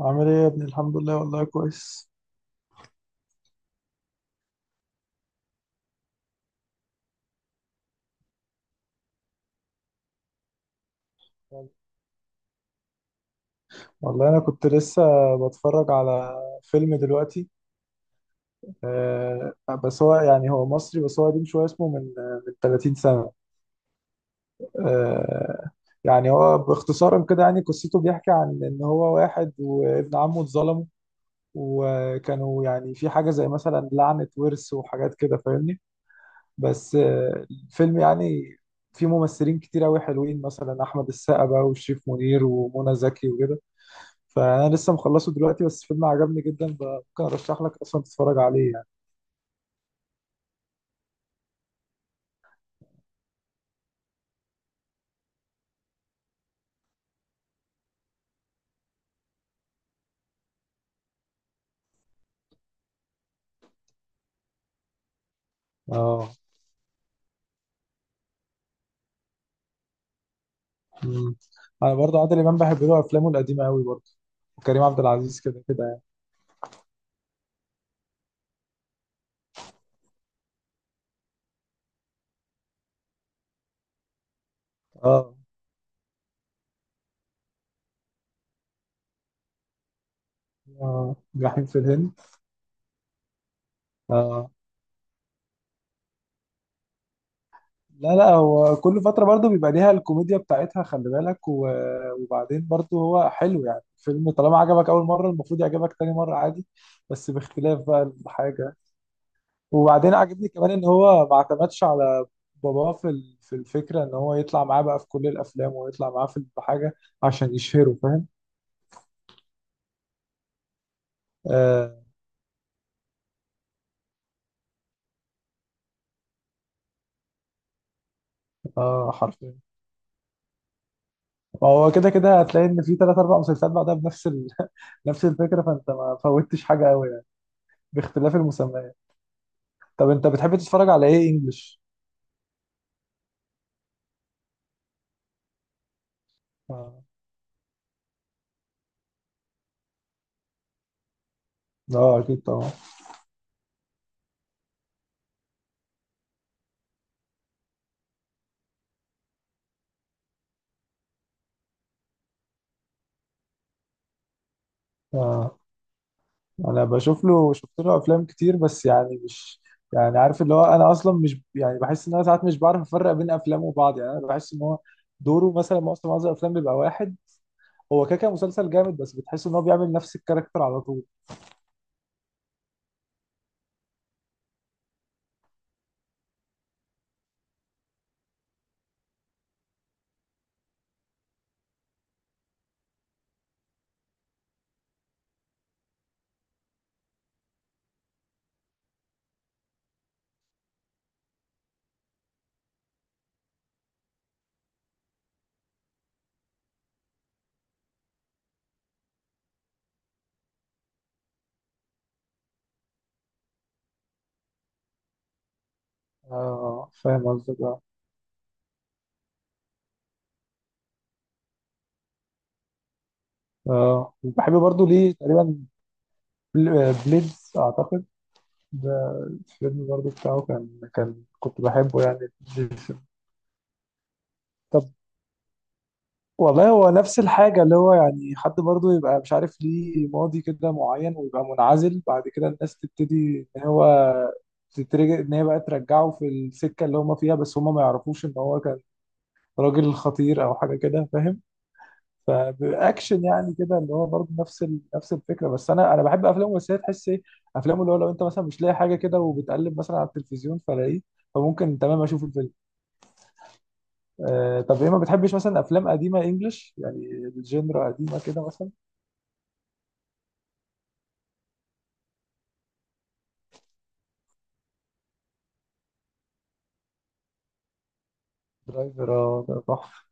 عامل ايه يا ابني؟ الحمد لله. والله كويس. والله. والله انا كنت لسه بتفرج على فيلم دلوقتي. آه، بس هو يعني هو مصري، بس هو قديم شويه. اسمه من 30 سنه. آه، يعني هو باختصارا كده، يعني قصته بيحكي عن ان هو واحد وابن عمه اتظلموا، وكانوا يعني في حاجه زي مثلا لعنه ورث وحاجات كده، فاهمني. بس آه الفيلم يعني فيه ممثلين كتير قوي حلوين، مثلا احمد السقا بقى وشريف منير ومنى زكي وكده. فانا لسه مخلصه دلوقتي، بس فيلم عجبني جدا. ممكن ارشح لك اصلا تتفرج عليه يعني. اه. مم. انا برضه عادل امام بحب له افلامه القديمه قوي برضه. وكريم عبد العزيز كده كده يعني. اه. اه، جحيم في الهند. اه، لا لا، هو كل فتره برضه بيبقى ليها الكوميديا بتاعتها، خلي بالك. و... وبعدين برضه هو حلو، يعني فيلم طالما عجبك اول مره المفروض يعجبك تاني مره عادي، بس باختلاف بقى الحاجه. وبعدين عجبني كمان ان هو ما اعتمدش على باباه في في الفكره ان هو يطلع معاه بقى في كل الافلام، ويطلع معاه في حاجه عشان يشهره، فاهم. اه، آه حرفيا. ما هو كده كده هتلاقي ان في 3 او 4 مسلسلات بعدها بنفس ال... نفس الفكره، فانت ما فوتش حاجه قوي يعني، باختلاف المسميات. طب انت بتحب تتفرج على ايه انجلش؟ اه، آه، اكيد طبعا. آه. انا بشوف له، شفت له افلام كتير، بس يعني مش، يعني عارف اللي هو انا اصلا مش، يعني بحس ان انا ساعات مش بعرف افرق بين افلامه وبعض. يعني انا بحس ان هو دوره مثلا معظم الافلام بيبقى واحد. هو كده كده مسلسل جامد، بس بتحس ان هو بيعمل نفس الكاركتر على طول. اه فاهم قصدك، اه. اه، وبحب برضه ليه تقريبا، بليدز اعتقد، ده الفيلم برضه بتاعه كان كنت بحبه يعني. طب، والله هو نفس الحاجة، اللي هو يعني حد برضه يبقى مش عارف ليه، ماضي كده معين، ويبقى منعزل بعد كده. الناس تبتدي إن هو تترجع، إن هي بقى ترجعه في السكة اللي هما فيها، بس هما ما يعرفوش إن هو كان راجل خطير أو حاجة كده، فاهم. فبأكشن يعني كده، اللي هو برضه نفس ال... نفس الفكرة. بس أنا بحب أفلام الممثلية، تحس إيه، أفلام اللي هو لو أنت مثلا مش لاقي حاجة كده وبتقلب مثلا على التلفزيون فلاقيه، فممكن تمام أشوف الفيلم. آه، طب إيه ما بتحبش مثلا أفلام قديمة إنجلش، يعني الجينرا قديمة كده مثلا. درايفر، اه ده تحفة.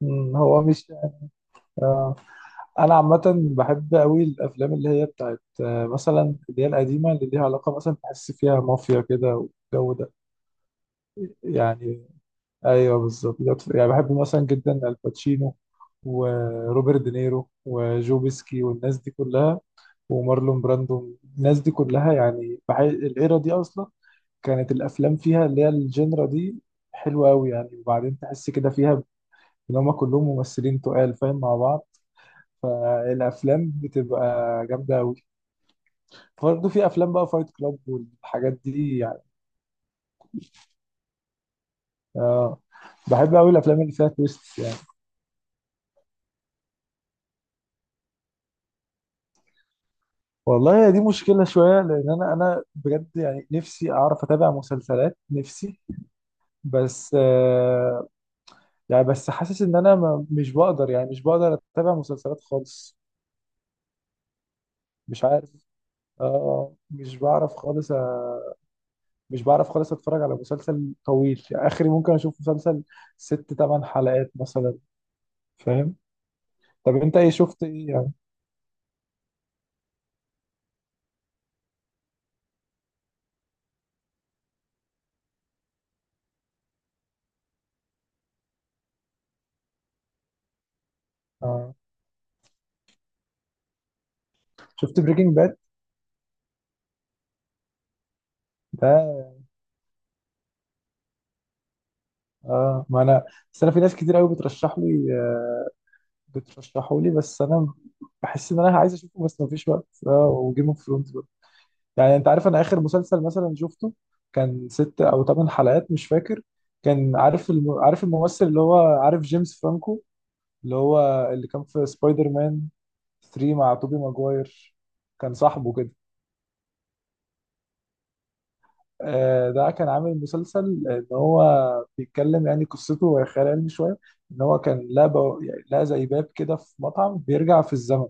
مم، هو مش، آه، انا عامة بحب قوي الافلام اللي هي بتاعت، آه، مثلا اللي هي القديمة اللي ليها علاقة، مثلا تحس فيها مافيا كده، والجو ده. يعني ايوه بالظبط، يعني بحب مثلا جدا الباتشينو وروبرت دينيرو وجو بيسكي والناس دي كلها، ومارلون براندو. الناس دي كلها يعني بحي... الايرا دي اصلا كانت الافلام فيها اللي هي الجنرا دي حلوة قوي يعني، وبعدين تحس كده فيها ان هم كلهم ممثلين تقال فاهم مع بعض، فالافلام بتبقى جامده قوي. برضه في افلام بقى فايت كلاب والحاجات دي يعني. اه، بحب قوي الافلام اللي فيها تويست يعني. والله دي مشكله شويه، لان انا بجد يعني نفسي اعرف اتابع مسلسلات، نفسي. بس آه، يعني بس حاسس ان انا ما مش بقدر، يعني مش بقدر اتابع مسلسلات خالص. مش عارف. اه مش بعرف خالص. مش بعرف خالص اتفرج على مسلسل طويل يعني. اخري ممكن اشوف مسلسل 6 او 8 حلقات مثلا، فاهم. طب انت ايه، شفت ايه يعني؟ آه. شفت بريكنج باد؟ ده اه. ما انا، بس انا في ناس كتير قوي بترشح لي، آه، بترشحه لي، بس انا بحس ان انا عايز اشوفه بس مفيش وقت. اه، وجيم اوف ثرونز برضه يعني. انت عارف انا اخر مسلسل مثلا شفته كان 6 او 8 حلقات، مش فاكر. كان عارف الم... عارف الممثل، اللي هو عارف جيمس فرانكو، اللي هو اللي كان في سبايدر مان 3 مع توبي ماجواير، كان صاحبه كده. آه، ده كان عامل مسلسل ان هو بيتكلم، يعني قصته هي خيال علمي شويه. ان هو كان لقى يعني لقى زي باب كده في مطعم بيرجع في الزمن.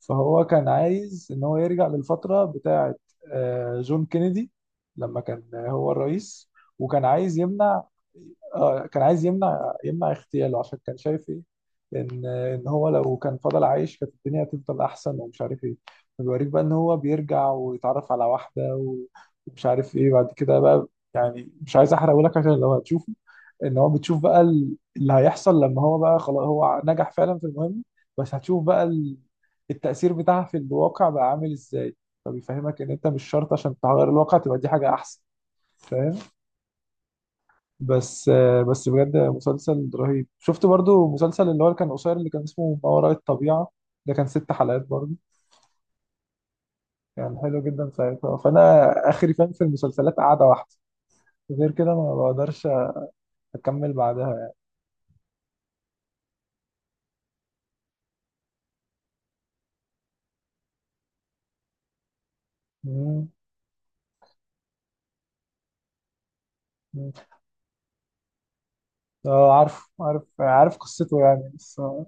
فهو كان عايز ان هو يرجع للفتره بتاعه، آه، جون كينيدي، لما كان هو الرئيس. وكان عايز يمنع، آه، كان عايز يمنع اغتياله عشان كان شايف ايه، ان هو لو كان فضل عايش كانت الدنيا هتفضل احسن، ومش عارف ايه. فبيوريك بقى ان هو بيرجع ويتعرف على واحده، ومش عارف ايه بعد كده بقى. يعني مش عايز احرقه لك عشان لو هتشوفه. ان هو بتشوف بقى اللي هيحصل لما هو بقى خلاص هو نجح فعلا في المهمه، بس هتشوف بقى التأثير بتاعها في الواقع بقى عامل ازاي. فبيفهمك ان انت مش شرط عشان تغير الواقع تبقى دي حاجة احسن، فاهم. بس آه، بس بجد مسلسل رهيب. شفت برضو مسلسل اللي هو اللي كان قصير اللي كان اسمه ما وراء الطبيعة. ده كان 6 حلقات برضو. كان حلو جدا ساعتها. فانا اخري فاهم في المسلسلات قاعدة واحدة، غير كده ما بقدرش اكمل بعدها يعني. مم. مم. اه عارف عارف عارف قصته يعني، بس آه.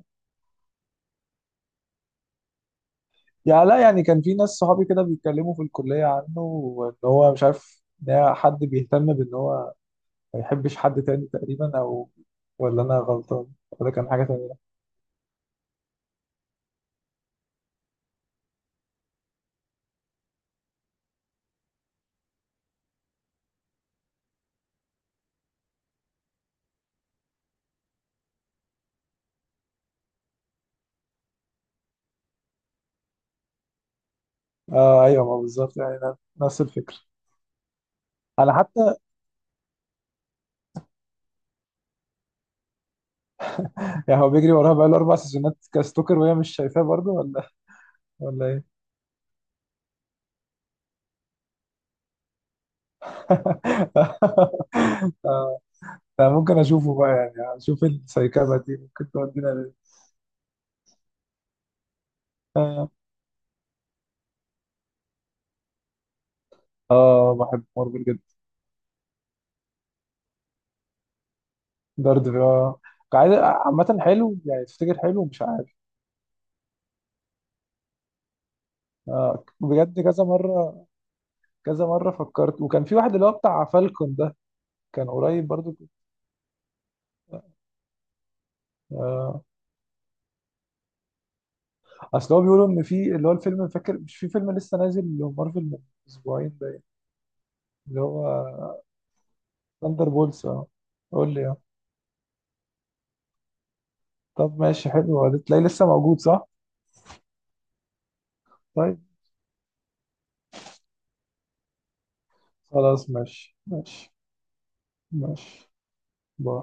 يعني لا، يعني كان في ناس صحابي كده بيتكلموا في الكلية عنه، وان هو مش عارف ان هي حد بيهتم بان هو ما يحبش حد تاني تقريبا. او، ولا انا غلطان، ولا كان حاجة تانية. اه ايوه ما بالظبط، يعني نفس الفكرة. انا حتى، يعني هو بيجري وراها بقاله 4 سيزونات كستوكر، وهي مش شايفاه برضه، ولا ولا ايه؟ انا ممكن اشوفه بقى، يعني اشوف السايكابا دي ممكن تودينا ليه. اه، آه، بحب مارفل جدا. درد في، اه، قاعد عامة حلو يعني؟ تفتكر حلو؟ مش عارف. آه بجد كذا مرة كذا مرة فكرت. وكان في واحد اللي هو بتاع فالكون ده، كان قريب برضو. آه، اصل هو بيقولوا ان في اللي هو الفيلم، فاكر مش في فيلم لسه نازل لمارفل من اسبوعين باين. اللي هو ثاندر بولز، اه. قول لي اه. طب ماشي حلو، هتلاقيه لسه موجود صح؟ طيب. خلاص ماشي ماشي. ماشي، باي.